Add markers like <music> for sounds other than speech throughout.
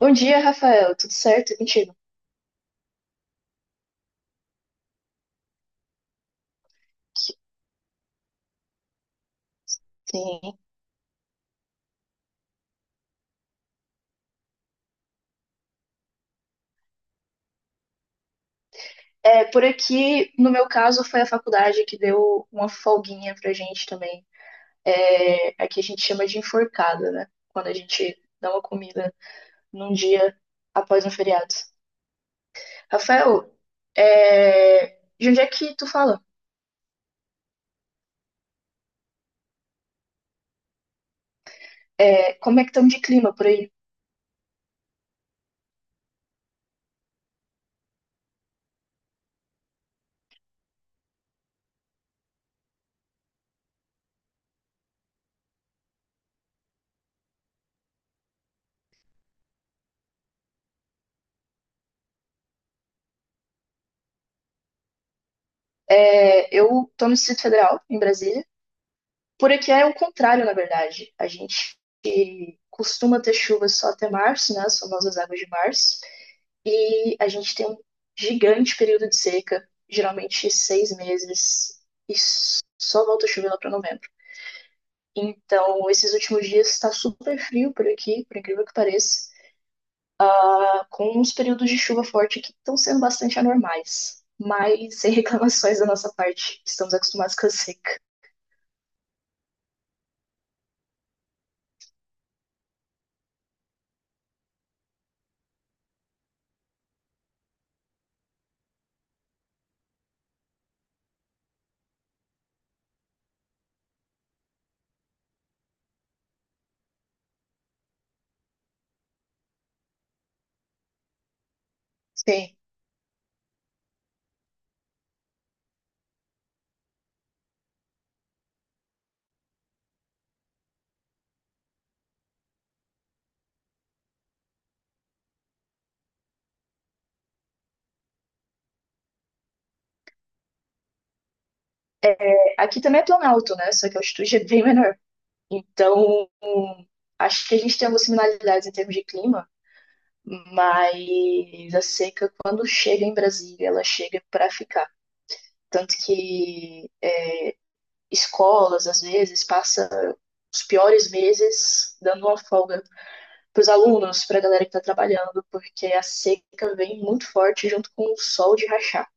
Bom dia, Rafael. Tudo certo? E Mentira. Sim. É, por aqui, no meu caso, foi a faculdade que deu uma folguinha pra gente também. É, aqui a gente chama de enforcada, né? Quando a gente dá uma comida num dia após um feriado. Rafael, de onde é que tu fala? É, como é que estamos de clima por aí? Eu tô no Distrito Federal, em Brasília. Por aqui é o contrário, na verdade. A gente costuma ter chuvas só até março, né? As famosas águas de março. E a gente tem um gigante período de seca, geralmente seis meses, e só volta a chover lá para novembro. Então, esses últimos dias está super frio por aqui, por incrível que pareça, tá com uns períodos de chuva forte que estão sendo bastante anormais, mas sem <laughs> reclamações da nossa parte, estamos acostumados com a seca. Sim, aqui também é planalto, né? Só que a altitude é bem menor. Então, acho que a gente tem algumas similaridades em termos de clima, mas a seca, quando chega em Brasília, ela chega para ficar. Tanto que escolas, às vezes, passam os piores meses dando uma folga para os alunos, para a galera que está trabalhando, porque a seca vem muito forte junto com o sol de rachar.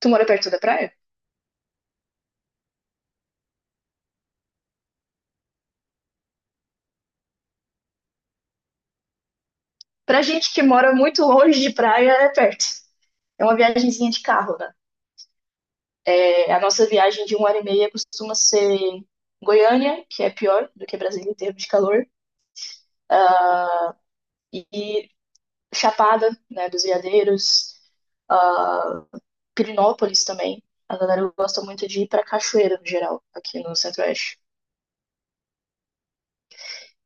Tu mora perto da praia? Pra gente que mora muito longe de praia, é perto. É uma viagemzinha de carro, né? É, a nossa viagem de uma hora e meia costuma ser Goiânia, que é pior do que Brasília em termos de calor, e Chapada, né, dos Veadeiros, uh, Pirinópolis também. A galera gosta muito de ir pra cachoeira, no geral, aqui no Centro-Oeste.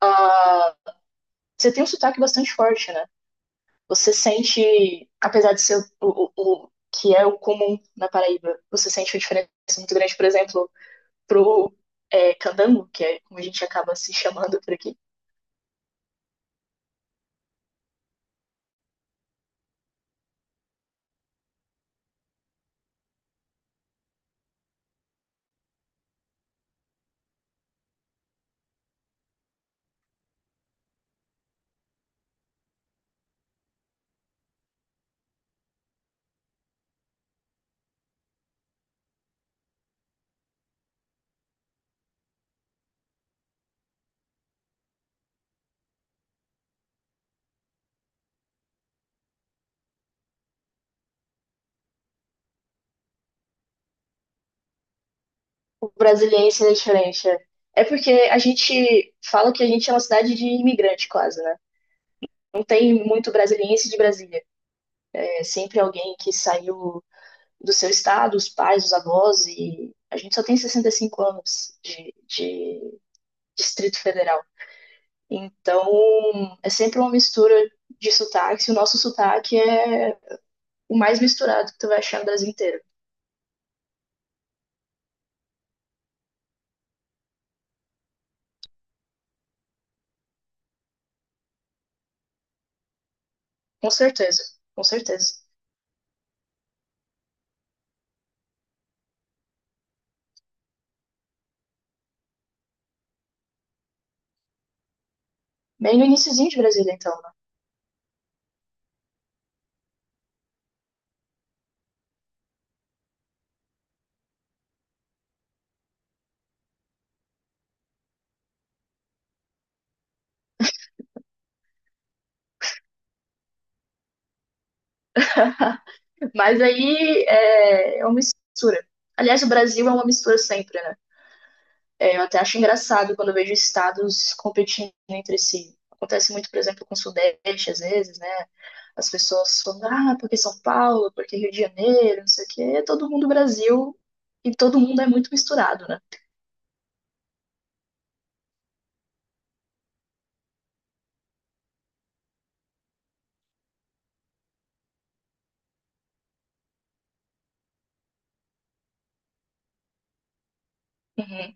Uh, você tem um sotaque bastante forte, né? Você sente, apesar de ser o que é o comum na Paraíba, você sente uma diferença muito grande, por exemplo, pro candango, que é como a gente acaba se chamando por aqui. O brasileiro é diferente. É. É porque a gente fala que a gente é uma cidade de imigrante, quase, né? Não tem muito brasiliense de Brasília. É sempre alguém que saiu do seu estado, os pais, os avós, e a gente só tem 65 anos de Distrito Federal. Então, é sempre uma mistura de sotaques, e o nosso sotaque é o mais misturado que tu vai achar no Brasil inteiro. Com certeza, com certeza. Bem no iníciozinho de Brasília, então. Né? <laughs> Mas aí é uma mistura. Aliás, o Brasil é uma mistura sempre, né? É, eu até acho engraçado quando eu vejo estados competindo entre si. Acontece muito, por exemplo, com o Sudeste, às vezes, né? As pessoas falam: ah, porque São Paulo, porque Rio de Janeiro, não sei o quê. Todo mundo Brasil e todo mundo é muito misturado, né? Uhum.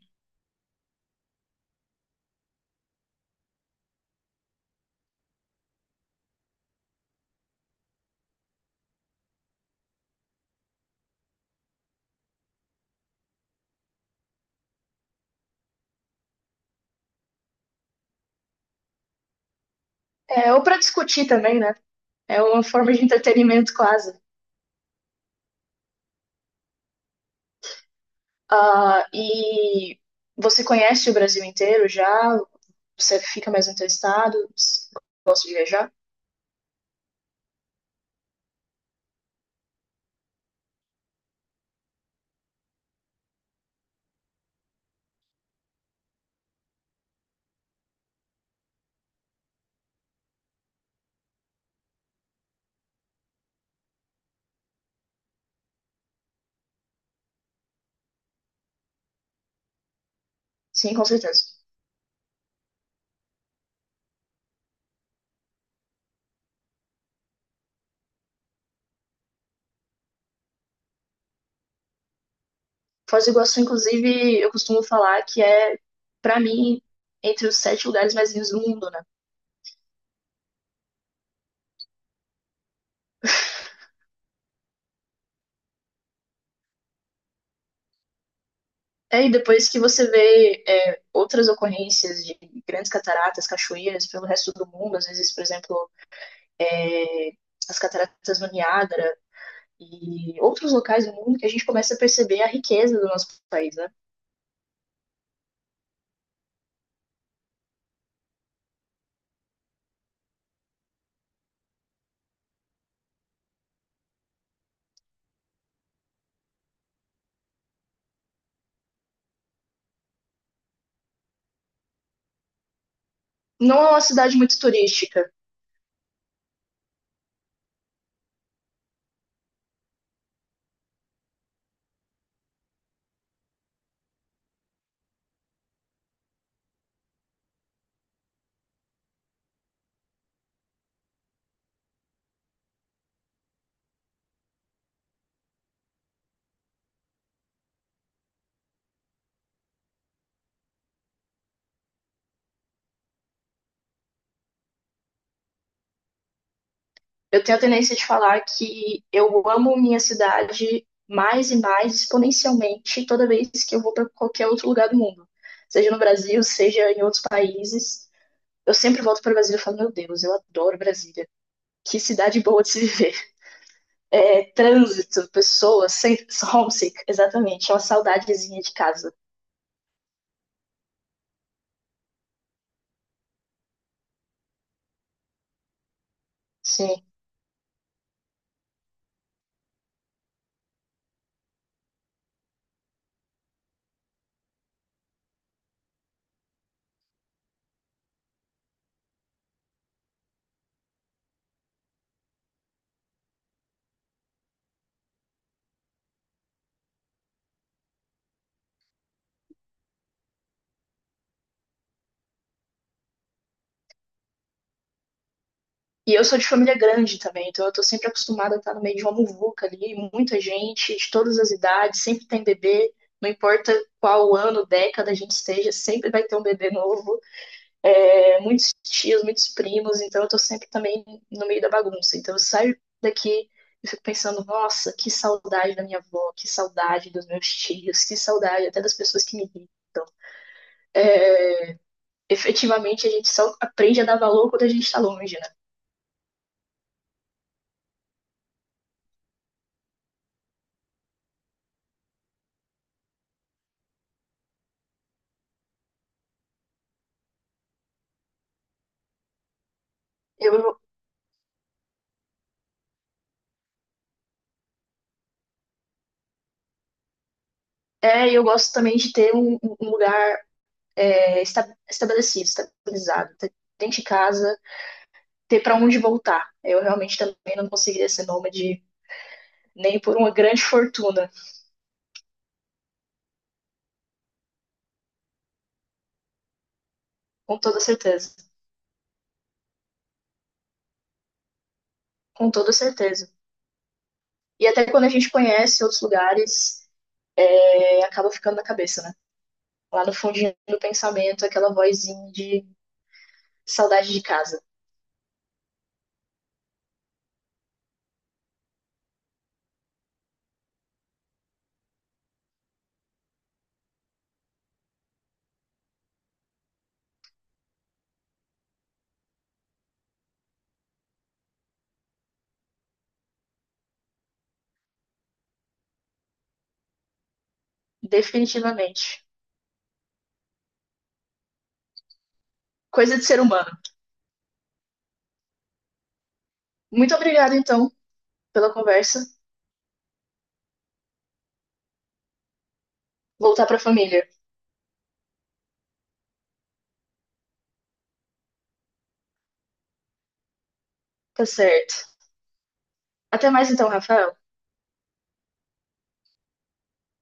É, ou para discutir também, né? É uma forma de entretenimento quase. Ah, e você conhece o Brasil inteiro já? Você fica mais entrevistado? Gosta de viajar? Sim, com certeza. Foz do Iguaçu, inclusive, eu costumo falar que é, pra mim, entre os sete lugares mais lindos do mundo, né? E depois que você vê outras ocorrências de grandes cataratas, cachoeiras pelo resto do mundo, às vezes, por exemplo, é, as cataratas do Niágara e outros locais do mundo, que a gente começa a perceber a riqueza do nosso país, né? Não é uma cidade muito turística, eu tenho a tendência de falar que eu amo minha cidade mais e mais exponencialmente toda vez que eu vou para qualquer outro lugar do mundo, seja no Brasil, seja em outros países. Eu sempre volto para o Brasil e falo: Meu Deus, eu adoro Brasília. Que cidade boa de se viver. <laughs> É, trânsito, pessoas, sem- <laughs> homesick, exatamente. É uma saudadezinha de casa. Sim. E eu sou de família grande também, então eu tô sempre acostumada a estar no meio de uma muvuca ali, muita gente, de todas as idades, sempre tem bebê, não importa qual ano, década a gente esteja, sempre vai ter um bebê novo, muitos tios, muitos primos, então eu tô sempre também no meio da bagunça. Então eu saio daqui e fico pensando: nossa, que saudade da minha avó, que saudade dos meus tios, que saudade até das pessoas que me irritam. Efetivamente a gente só aprende a dar valor quando a gente tá longe, né? Eu É, e eu gosto também de ter um lugar estabelecido, estabilizado, dentro de casa, ter para onde voltar. Eu realmente também não conseguiria ser nômade nem por uma grande fortuna, com toda certeza. Com toda certeza. E até quando a gente conhece outros lugares, acaba ficando na cabeça, né? Lá no fundinho do pensamento, aquela vozinha de saudade de casa. Definitivamente. Coisa de ser humano. Muito obrigada, então, pela conversa. Voltar para a família. Tá certo. Até mais, então, Rafael.